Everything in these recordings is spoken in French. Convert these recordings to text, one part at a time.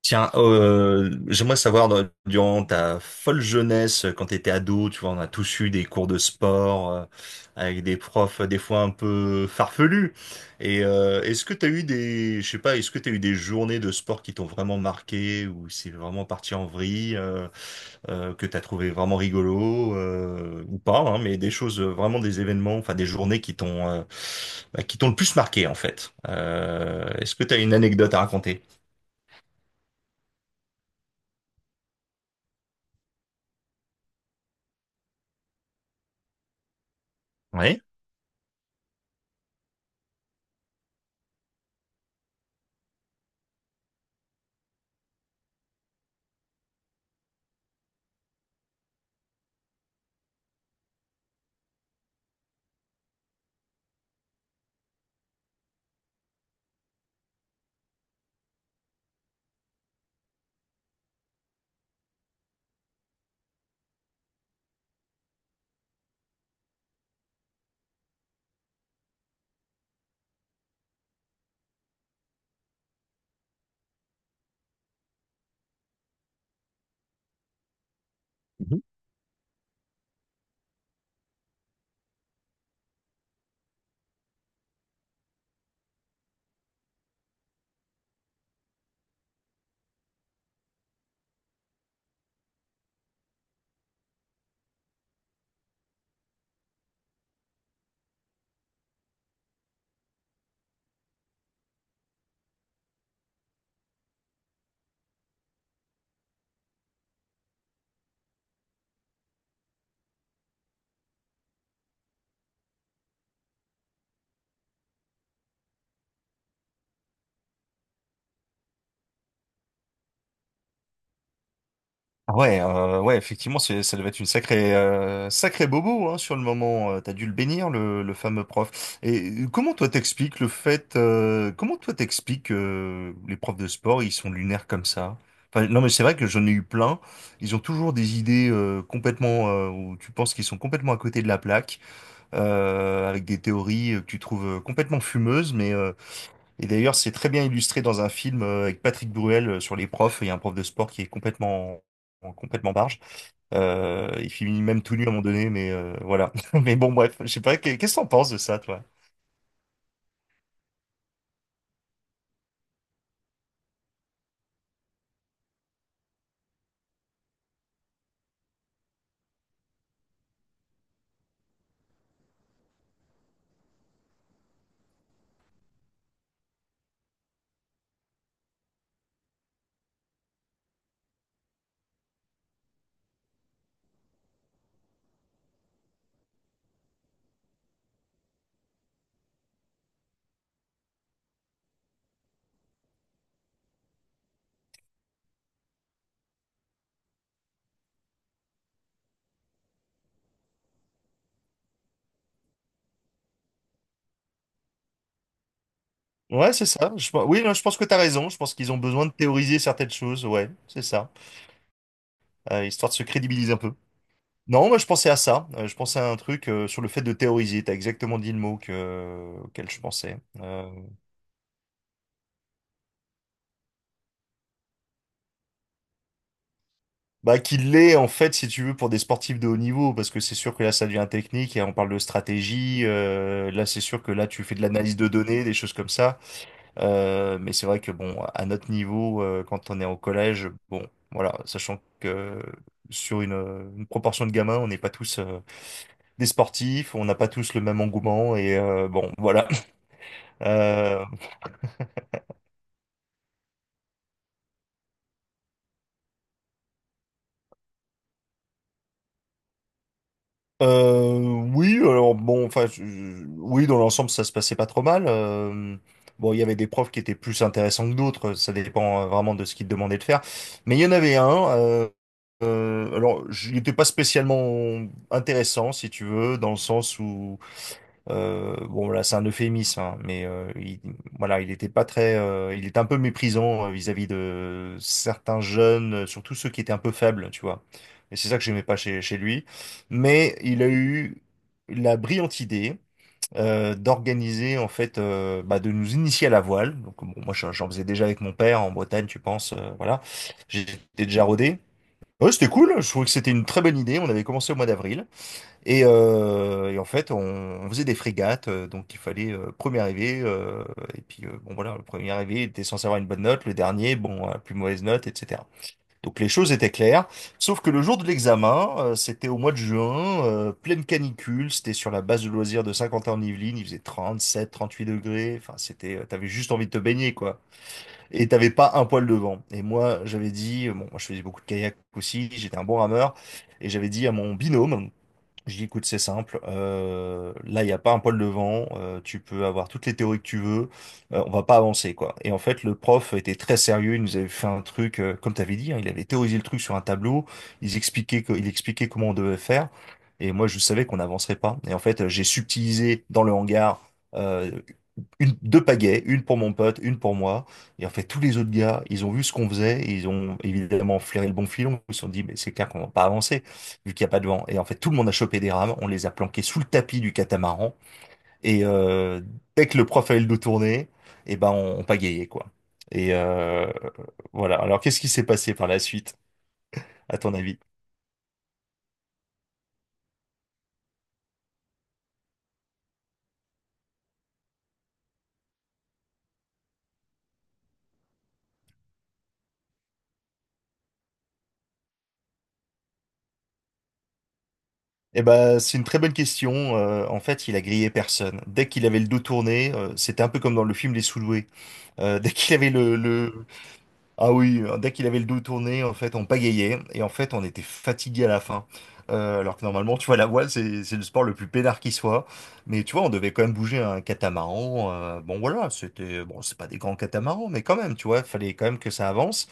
Tiens, j'aimerais savoir, durant ta folle jeunesse, quand tu étais ado, tu vois, on a tous eu des cours de sport avec des profs des fois un peu farfelus. Et est-ce que tu as eu des, je sais pas, est-ce que tu as eu des journées de sport qui t'ont vraiment marqué ou c'est vraiment parti en vrille, que tu as trouvé vraiment rigolo ou pas, hein, mais des choses, vraiment des événements, enfin des journées qui t'ont bah, qui t'ont le plus marqué en fait. Est-ce que tu as une anecdote à raconter? Oui. Ah ouais, ouais, effectivement, c'est, ça devait être une sacrée bobo hein, sur le moment. T'as dû le bénir, le fameux prof. Et comment toi t'expliques le fait, comment toi t'expliques les profs de sport, ils sont lunaires comme ça? Enfin, non, mais c'est vrai que j'en ai eu plein. Ils ont toujours des idées complètement, où tu penses qu'ils sont complètement à côté de la plaque, avec des théories que tu trouves complètement fumeuses, mais et d'ailleurs, c'est très bien illustré dans un film avec Patrick Bruel sur les profs. Il y a un prof de sport qui est complètement, complètement barge. Il finit même tout nu à un moment donné, mais voilà. Mais bon, bref, je sais pas, qu'est-ce que t'en penses de ça, toi? Ouais, c'est ça. Oui, non, je pense que t'as raison. Je pense qu'ils ont besoin de théoriser certaines choses. Ouais, c'est ça. Histoire de se crédibiliser un peu. Non, moi je pensais à ça. Je pensais à un truc sur le fait de théoriser. T'as exactement dit le mot que, auquel je pensais. Bah, qu'il l'est, en fait, si tu veux, pour des sportifs de haut niveau, parce que c'est sûr que là, ça devient technique et on parle de stratégie. Là, c'est sûr que là, tu fais de l'analyse de données, des choses comme ça. Mais c'est vrai que, bon, à notre niveau, quand on est au collège, bon, voilà, sachant que sur une proportion de gamins, on n'est pas tous des sportifs, on n'a pas tous le même engouement et bon, voilà. Euh, Euh, oui, alors bon, enfin, oui, dans l'ensemble, ça se passait pas trop mal. Bon, il y avait des profs qui étaient plus intéressants que d'autres, ça dépend vraiment de ce qu'ils te demandaient de faire. Mais il y en avait un, alors, il n'était pas spécialement intéressant, si tu veux, dans le sens où bon là c'est un euphémisme, hein, mais il, voilà il était pas très, il était un peu méprisant vis-à-vis de certains jeunes, surtout ceux qui étaient un peu faibles, tu vois. Et c'est ça que j'aimais pas chez lui. Mais il a eu la brillante idée d'organiser en fait, bah, de nous initier à la voile. Donc bon, moi j'en faisais déjà avec mon père en Bretagne, tu penses, voilà, j'étais déjà rodé. Ouais, c'était cool. Je trouvais que c'était une très bonne idée. On avait commencé au mois d'avril. Et en fait, on faisait des frégates, donc il fallait premier arrivé, et puis bon voilà, le premier arrivé était censé avoir une bonne note, le dernier, bon, plus mauvaise note, etc. Donc les choses étaient claires, sauf que le jour de l'examen, c'était au mois de juin, pleine canicule, c'était sur la base de loisirs de Saint-Quentin-en-Yvelines, il faisait 37, 38 degrés, enfin c'était, t'avais juste envie de te baigner quoi, et t'avais pas un poil de vent. Et moi, j'avais dit, bon, moi je faisais beaucoup de kayak aussi, j'étais un bon rameur, et j'avais dit à mon binôme, je dis, écoute, c'est simple. Là, il n'y a pas un poil devant. Tu peux avoir toutes les théories que tu veux. On va pas avancer, quoi. Et en fait, le prof était très sérieux. Il nous avait fait un truc, comme tu avais dit, hein, il avait théorisé le truc sur un tableau. Il expliquait, il expliquait comment on devait faire. Et moi, je savais qu'on n'avancerait pas. Et en fait, j'ai subtilisé dans le hangar euh, deux pagaies, une pour mon pote, une pour moi. Et en fait, tous les autres gars, ils ont vu ce qu'on faisait, et ils ont évidemment flairé le bon filon. Ils se sont dit, mais c'est clair qu'on va pas avancer vu qu'il n'y a pas de vent. Et en fait, tout le monde a chopé des rames, on les a planquées sous le tapis du catamaran, et dès que le prof a eu le dos tourné, eh ben, on pagayait, quoi. Et voilà. Alors, qu'est-ce qui s'est passé par la suite, à ton avis? Eh ben, c'est une très bonne question. En fait, il a grillé personne. Dès qu'il avait le dos tourné, c'était un peu comme dans le film Les Sous-Doués. Dès qu'il avait le, Ah oui, dès qu'il avait le dos tourné, en fait, on pagayait et en fait, on était fatigué à la fin. Alors que normalement, tu vois, la voile, c'est le sport le plus peinard qui soit. Mais tu vois, on devait quand même bouger un catamaran. Bon, voilà, c'était bon, c'est pas des grands catamarans, mais quand même, tu vois, fallait quand même que ça avance.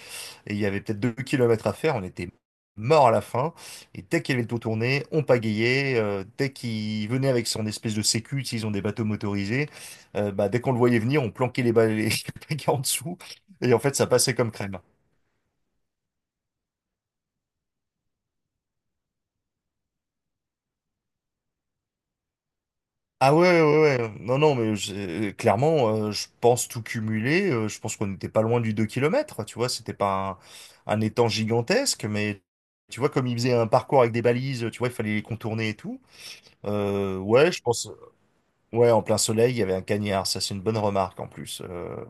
Et il y avait peut-être 2 kilomètres à faire. On était mort à la fin. Et dès qu'il avait le dos tourné, on pagayait. Dès qu'il venait avec son espèce de sécu, s'ils ont des bateaux motorisés, bah, dès qu'on le voyait venir, on planquait les balais les pagayes en dessous. Et en fait, ça passait comme crème. Ah ouais, ouais, ouais. Ouais. Non, non, mais clairement, je pense tout cumuler. Je pense qu'on n'était pas loin du 2 kilomètres. Tu vois, c'était pas un étang gigantesque, mais tu vois, comme il faisait un parcours avec des balises, tu vois, il fallait les contourner et tout. Ouais, je pense. Ouais, en plein soleil, il y avait un cagnard. Ça, c'est une bonne remarque en plus. Euh,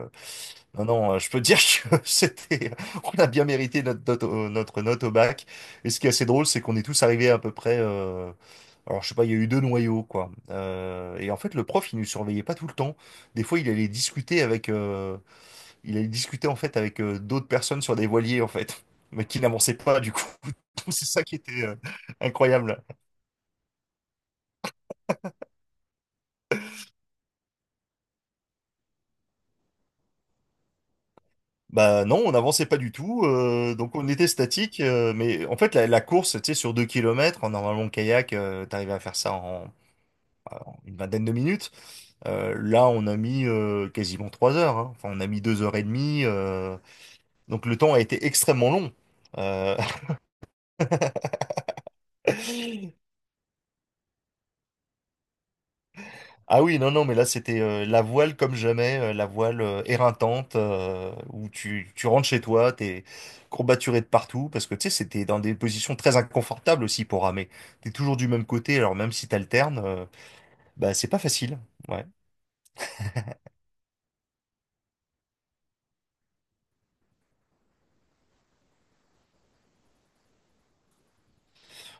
Non, non, je peux te dire que c'était. On a bien mérité notre note, notre note au bac. Et ce qui est assez drôle, c'est qu'on est tous arrivés à peu près. Alors, je sais pas, il y a eu deux noyaux, quoi. Et en fait, le prof, il nous surveillait pas tout le temps. Des fois, il allait discuter avec. Il allait discuter en fait avec d'autres personnes sur des voiliers, en fait, mais qui n'avançaient pas du coup. C'est ça qui était incroyable. Bah non, on n'avançait pas du tout, donc on était statique, mais en fait la course, tu sais, sur 2 kilomètres, en normalement le kayak, t'arrivais à faire ça en une vingtaine de minutes. Là, on a mis quasiment 3 heures, hein. Enfin, on a mis 2 heures et demie, donc le temps a été extrêmement long. Euh, Ah oui, non, non, mais là, c'était la voile comme jamais, la voile éreintante, où tu rentres chez toi, t'es courbaturé de partout, parce que tu sais, c'était dans des positions très inconfortables aussi pour ramer. T'es toujours du même côté, alors même si t'alternes, bah, c'est pas facile. Ouais.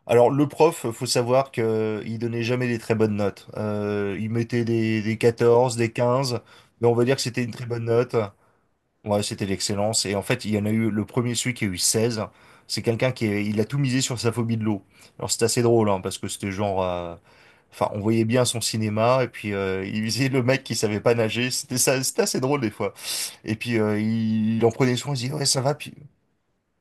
Alors, le prof, faut savoir que il donnait jamais des très bonnes notes. Il mettait des 14 des 15 mais on va dire que c'était une très bonne note. Ouais, c'était l'excellence. Et en fait, il y en a eu le premier, celui qui a eu 16. C'est quelqu'un il a tout misé sur sa phobie de l'eau. Alors c'était assez drôle, hein, parce que c'était genre, enfin, on voyait bien son cinéma. Et puis il visait le mec qui savait pas nager. C'était ça, c'était assez drôle des fois. Et puis il en prenait soin. Il disait ouais, ça va. Puis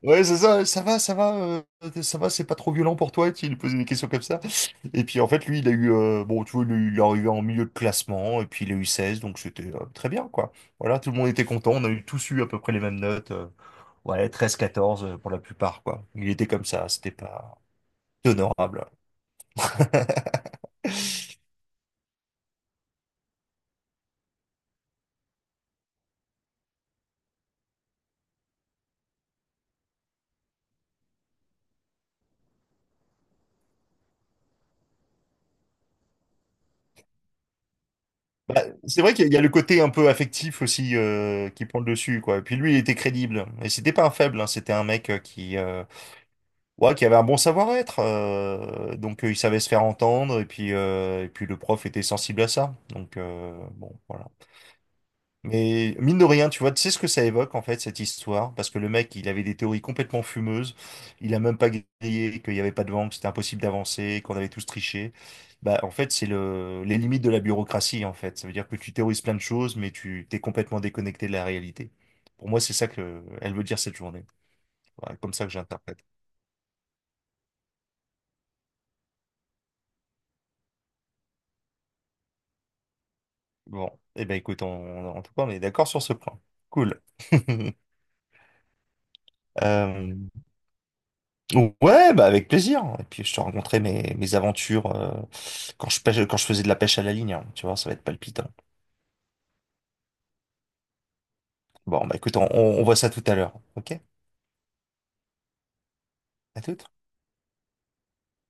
ouais, c'est ça, ça va, ça va, ça va, c'est pas trop violent pour toi, tu lui posais des questions comme ça. Et puis en fait, lui, il a eu, bon, tu vois, il est arrivé en milieu de classement, et puis il a eu 16 donc c'était très bien, quoi. Voilà, tout le monde était content, on a eu tous eu à peu près les mêmes notes, ouais, 13-14 pour la plupart, quoi. Il était comme ça, c'était pas honorable. Bah, c'est vrai qu'il y a le côté un peu affectif aussi qui prend le dessus, quoi. Et puis lui, il était crédible. Et c'était pas un faible, hein. C'était un mec Ouais, qui avait un bon savoir-être. Donc il savait se faire entendre et puis le prof était sensible à ça. Donc bon voilà. Mais mine de rien, tu vois, tu sais ce que ça évoque en fait cette histoire parce que le mec, il avait des théories complètement fumeuses. Il a même pas grillé qu'il y avait pas de vent, que c'était impossible d'avancer, qu'on avait tous triché. Bah en fait, c'est le les limites de la bureaucratie en fait. Ça veut dire que tu théorises plein de choses mais tu t'es complètement déconnecté de la réalité. Pour moi, c'est ça que elle veut dire cette journée. Voilà, comme ça que j'interprète. Bon, eh ben écoute, en tout cas, on est d'accord sur ce point. Cool. Euh, ouais, bah avec plaisir. Et puis je te raconterai mes aventures quand je pêche, quand je faisais de la pêche à la ligne. Hein. Tu vois, ça va être palpitant. Bon, bah écoute, on voit ça tout à l'heure. Ok? À toute.